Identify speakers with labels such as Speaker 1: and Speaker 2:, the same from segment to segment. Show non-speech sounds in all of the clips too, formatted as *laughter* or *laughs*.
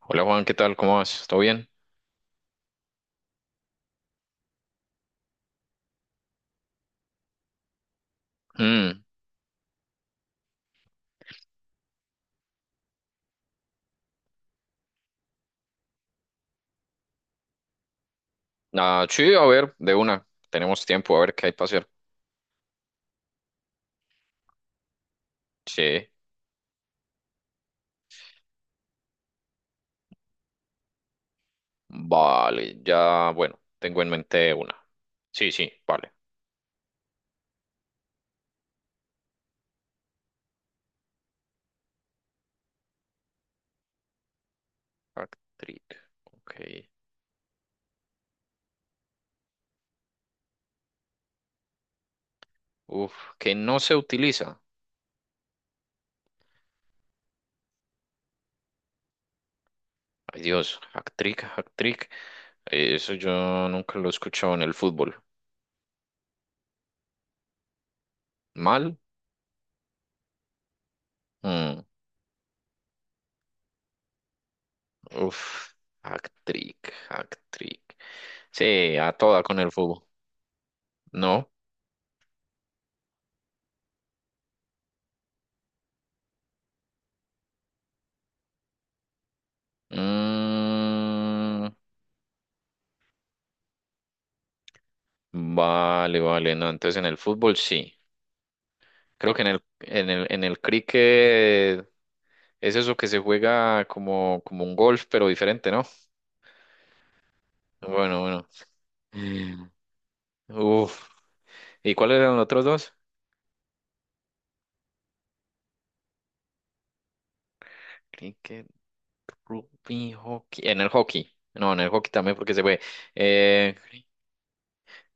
Speaker 1: Hola Juan, ¿qué tal? ¿Cómo vas? ¿Todo bien? Mm. Ah, sí, a ver, de una. Tenemos tiempo, a ver qué hay para hacer. Sí, vale, ya, bueno, tengo en mente una. Sí, sí, vale. Actric, ok. Uf, que no se utiliza. Ay Dios, actric, actric. Eso yo nunca lo he escuchado en el fútbol. ¿Mal? Mm. Uf, actric, actric. Sí, a toda con el fútbol. No. Mm, vale, vale, no, entonces en el fútbol sí. Creo que en el cricket es eso que se juega como, como un golf, pero diferente, ¿no? Bueno, bueno. Mm. Uf. ¿Y cuáles eran los otros dos? Cricket, rugby, hockey. En el hockey. No, en el hockey también porque se fue. Eh, cri-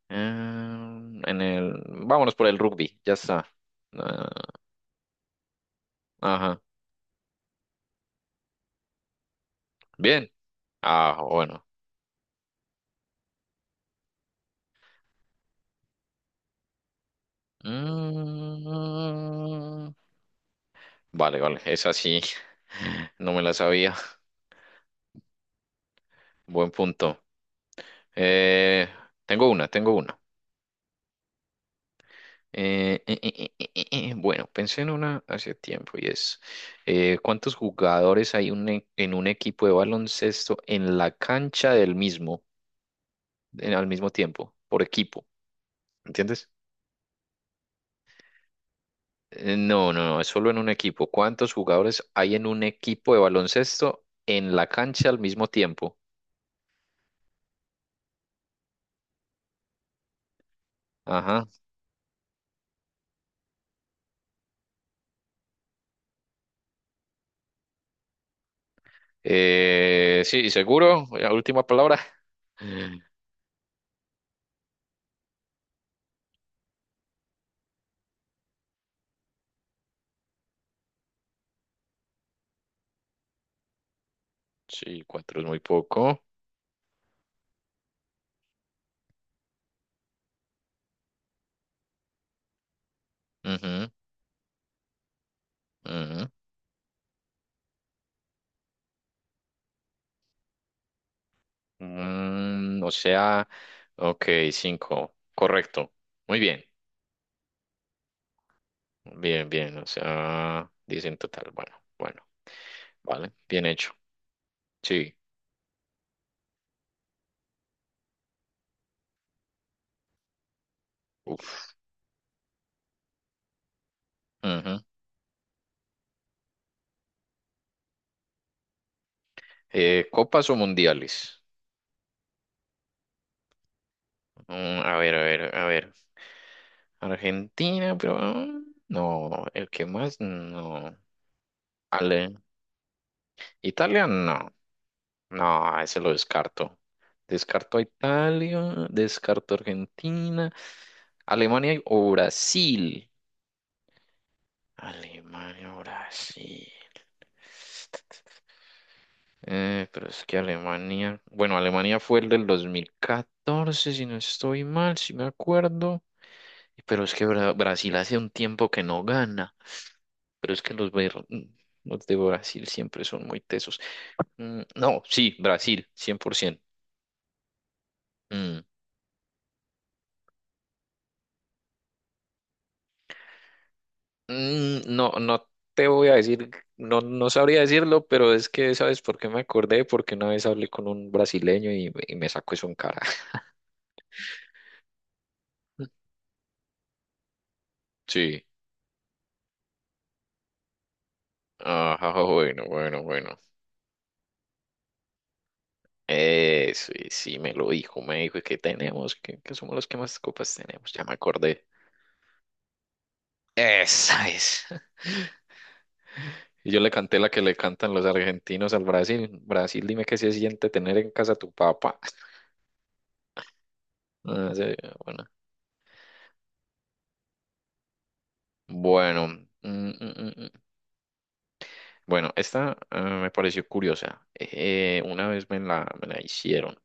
Speaker 1: ah, Vámonos por el rugby, ya está. Ah, ajá. Bien. Ah, bueno. Mm. Vale, vale, esa sí, *laughs* no me la sabía. Buen punto. Eh, Tengo una, tengo una. Bueno, pensé en una hace tiempo y es, ¿cuántos jugadores hay en un equipo de baloncesto en la cancha del mismo, al mismo tiempo, por equipo? ¿Entiendes? No, no, no, es solo en un equipo. ¿Cuántos jugadores hay en un equipo de baloncesto en la cancha al mismo tiempo? Ajá. Sí, seguro. Ya, última palabra. Mm, sí, cuatro es muy poco. Ujú, ujú. O sea, ok, cinco. Correcto. Muy bien. Bien, bien. O sea, 10 en total. Bueno, bueno. Vale, bien hecho. Sí. Uf. Ujú. ¿Copas o mundiales? A ver, a ver, a ver. Argentina, pero... no, el que más, no. Ale. Italia, no. No, ese lo descarto. Descarto a Italia, descarto a Argentina, Alemania o Brasil. Alemania o Brasil. Pero es que Alemania, bueno, Alemania fue el del 2014, si no estoy mal, si me acuerdo. Pero es que Brasil hace un tiempo que no gana. Pero es que los de Brasil siempre son muy tesos. Mm, no, sí, Brasil, 100%. Mm, no, no te voy a decir, no, no sabría decirlo, pero es que sabes por qué me acordé, porque una vez hablé con un brasileño y me sacó eso en cara. *laughs* Sí, ajá, bueno, bueno, bueno. Sí, sí, me lo dijo, me dijo que tenemos, que somos los que más copas tenemos, ya me acordé. Esa es. *laughs* Y yo le canté la que le cantan los argentinos al Brasil. Brasil, dime qué se siente tener en casa a tu papá. *laughs* Ah, sí, bueno. Bueno. mm, mm, mm, Bueno, esta, ah, me pareció curiosa. Una vez me la hicieron.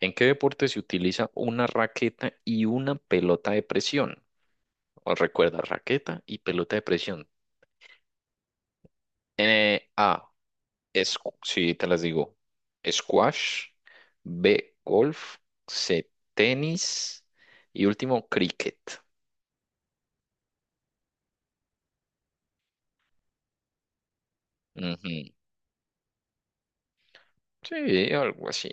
Speaker 1: ¿En qué deporte se utiliza una raqueta y una pelota de presión? ¿Os recuerda, raqueta y pelota de presión? A, es, sí, te las digo. Squash. B, golf. C, tenis. Y último, cricket. Ujú. Sí, algo así.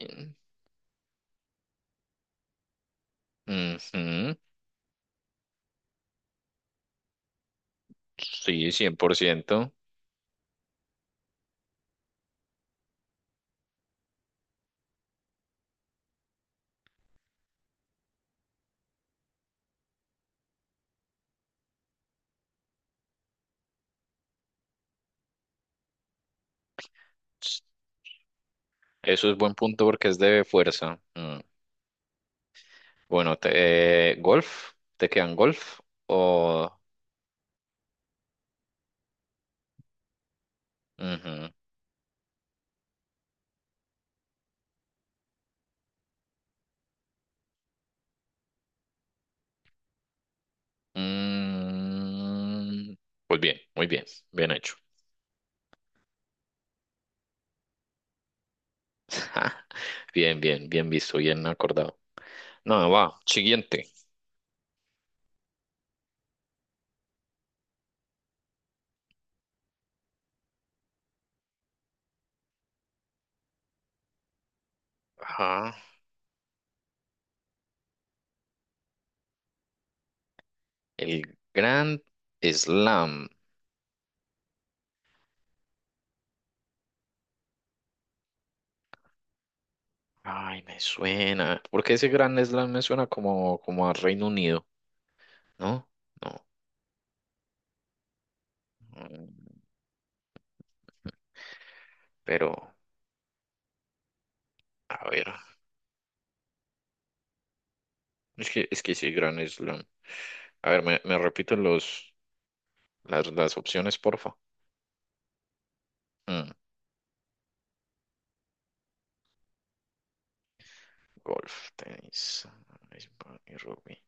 Speaker 1: Ujú. Sí, 100%. Eso es buen punto porque es de fuerza. Bueno, golf, ¿te quedan golf o...? Ujú. Mm, pues bien, muy bien, bien hecho. *laughs* Bien, bien, bien visto, bien acordado. No, va, siguiente. Ajá. El Grand Slam. Ay, me suena. Porque ese Grand Slam me suena como a Reino Unido, ¿no? No. Mm, Pero, a ver. Es que sí, Grand Slam. A ver, me repito los. Las opciones, porfa. Mm, Golf, tenis, béisbol y rugby.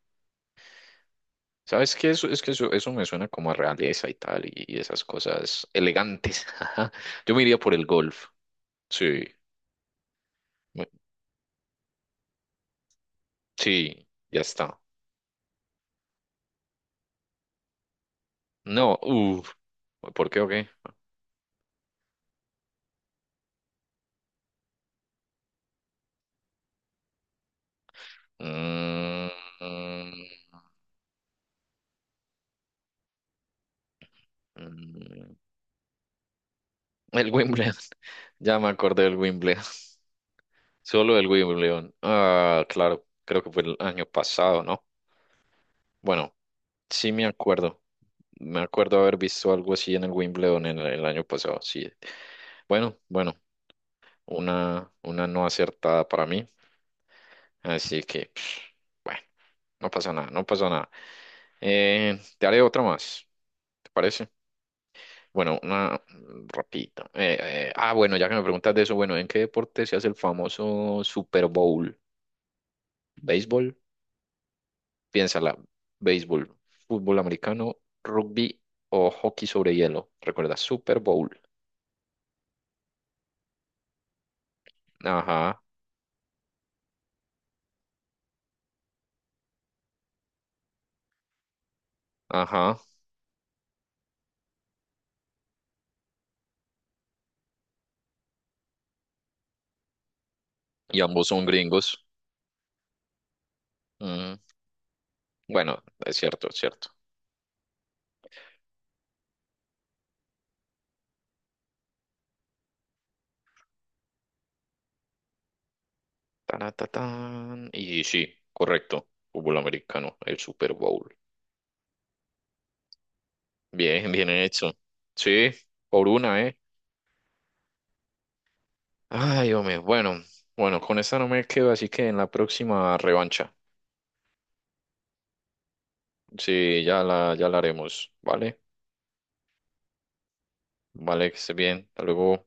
Speaker 1: ¿Sabes qué? Es que eso me suena como a realeza y tal, y esas cosas elegantes. *laughs* Ajá. Yo me iría por el golf. Sí, me- sí, ya está. No, uff. ¿Por qué o qué? Mm, mm, el Wimbledon. *laughs* Ya me acordé del Wimbledon. *laughs* Solo el Wimbledon. Ah, claro, creo que fue el año pasado, ¿no? Bueno, sí me acuerdo. Me acuerdo haber visto algo así en el Wimbledon en el año pasado. Sí. Bueno, bueno, una no acertada para mí. Así que, bueno, no pasa nada, no pasa nada. Te haré otra más, ¿te parece? Bueno, una rapidita. Ah, bueno, ya que me preguntas de eso, bueno, ¿en qué deporte se hace el famoso Super Bowl? ¿Béisbol? Piénsala, béisbol, fútbol americano, rugby o hockey sobre hielo. Recuerda, Super Bowl. Ajá, ajá. Y ambos son gringos. Mm, Bueno, es cierto, es cierto. Taratatán. Y sí, correcto. Fútbol americano, el Super Bowl. Bien, *laughs* bien hecho. Sí, por una, ¿eh? Ay, hombre. Bueno, bueno, con esta no me quedo, así que en la próxima revancha. Sí, ya la haremos, ¿vale? Vale, que esté bien. Hasta luego.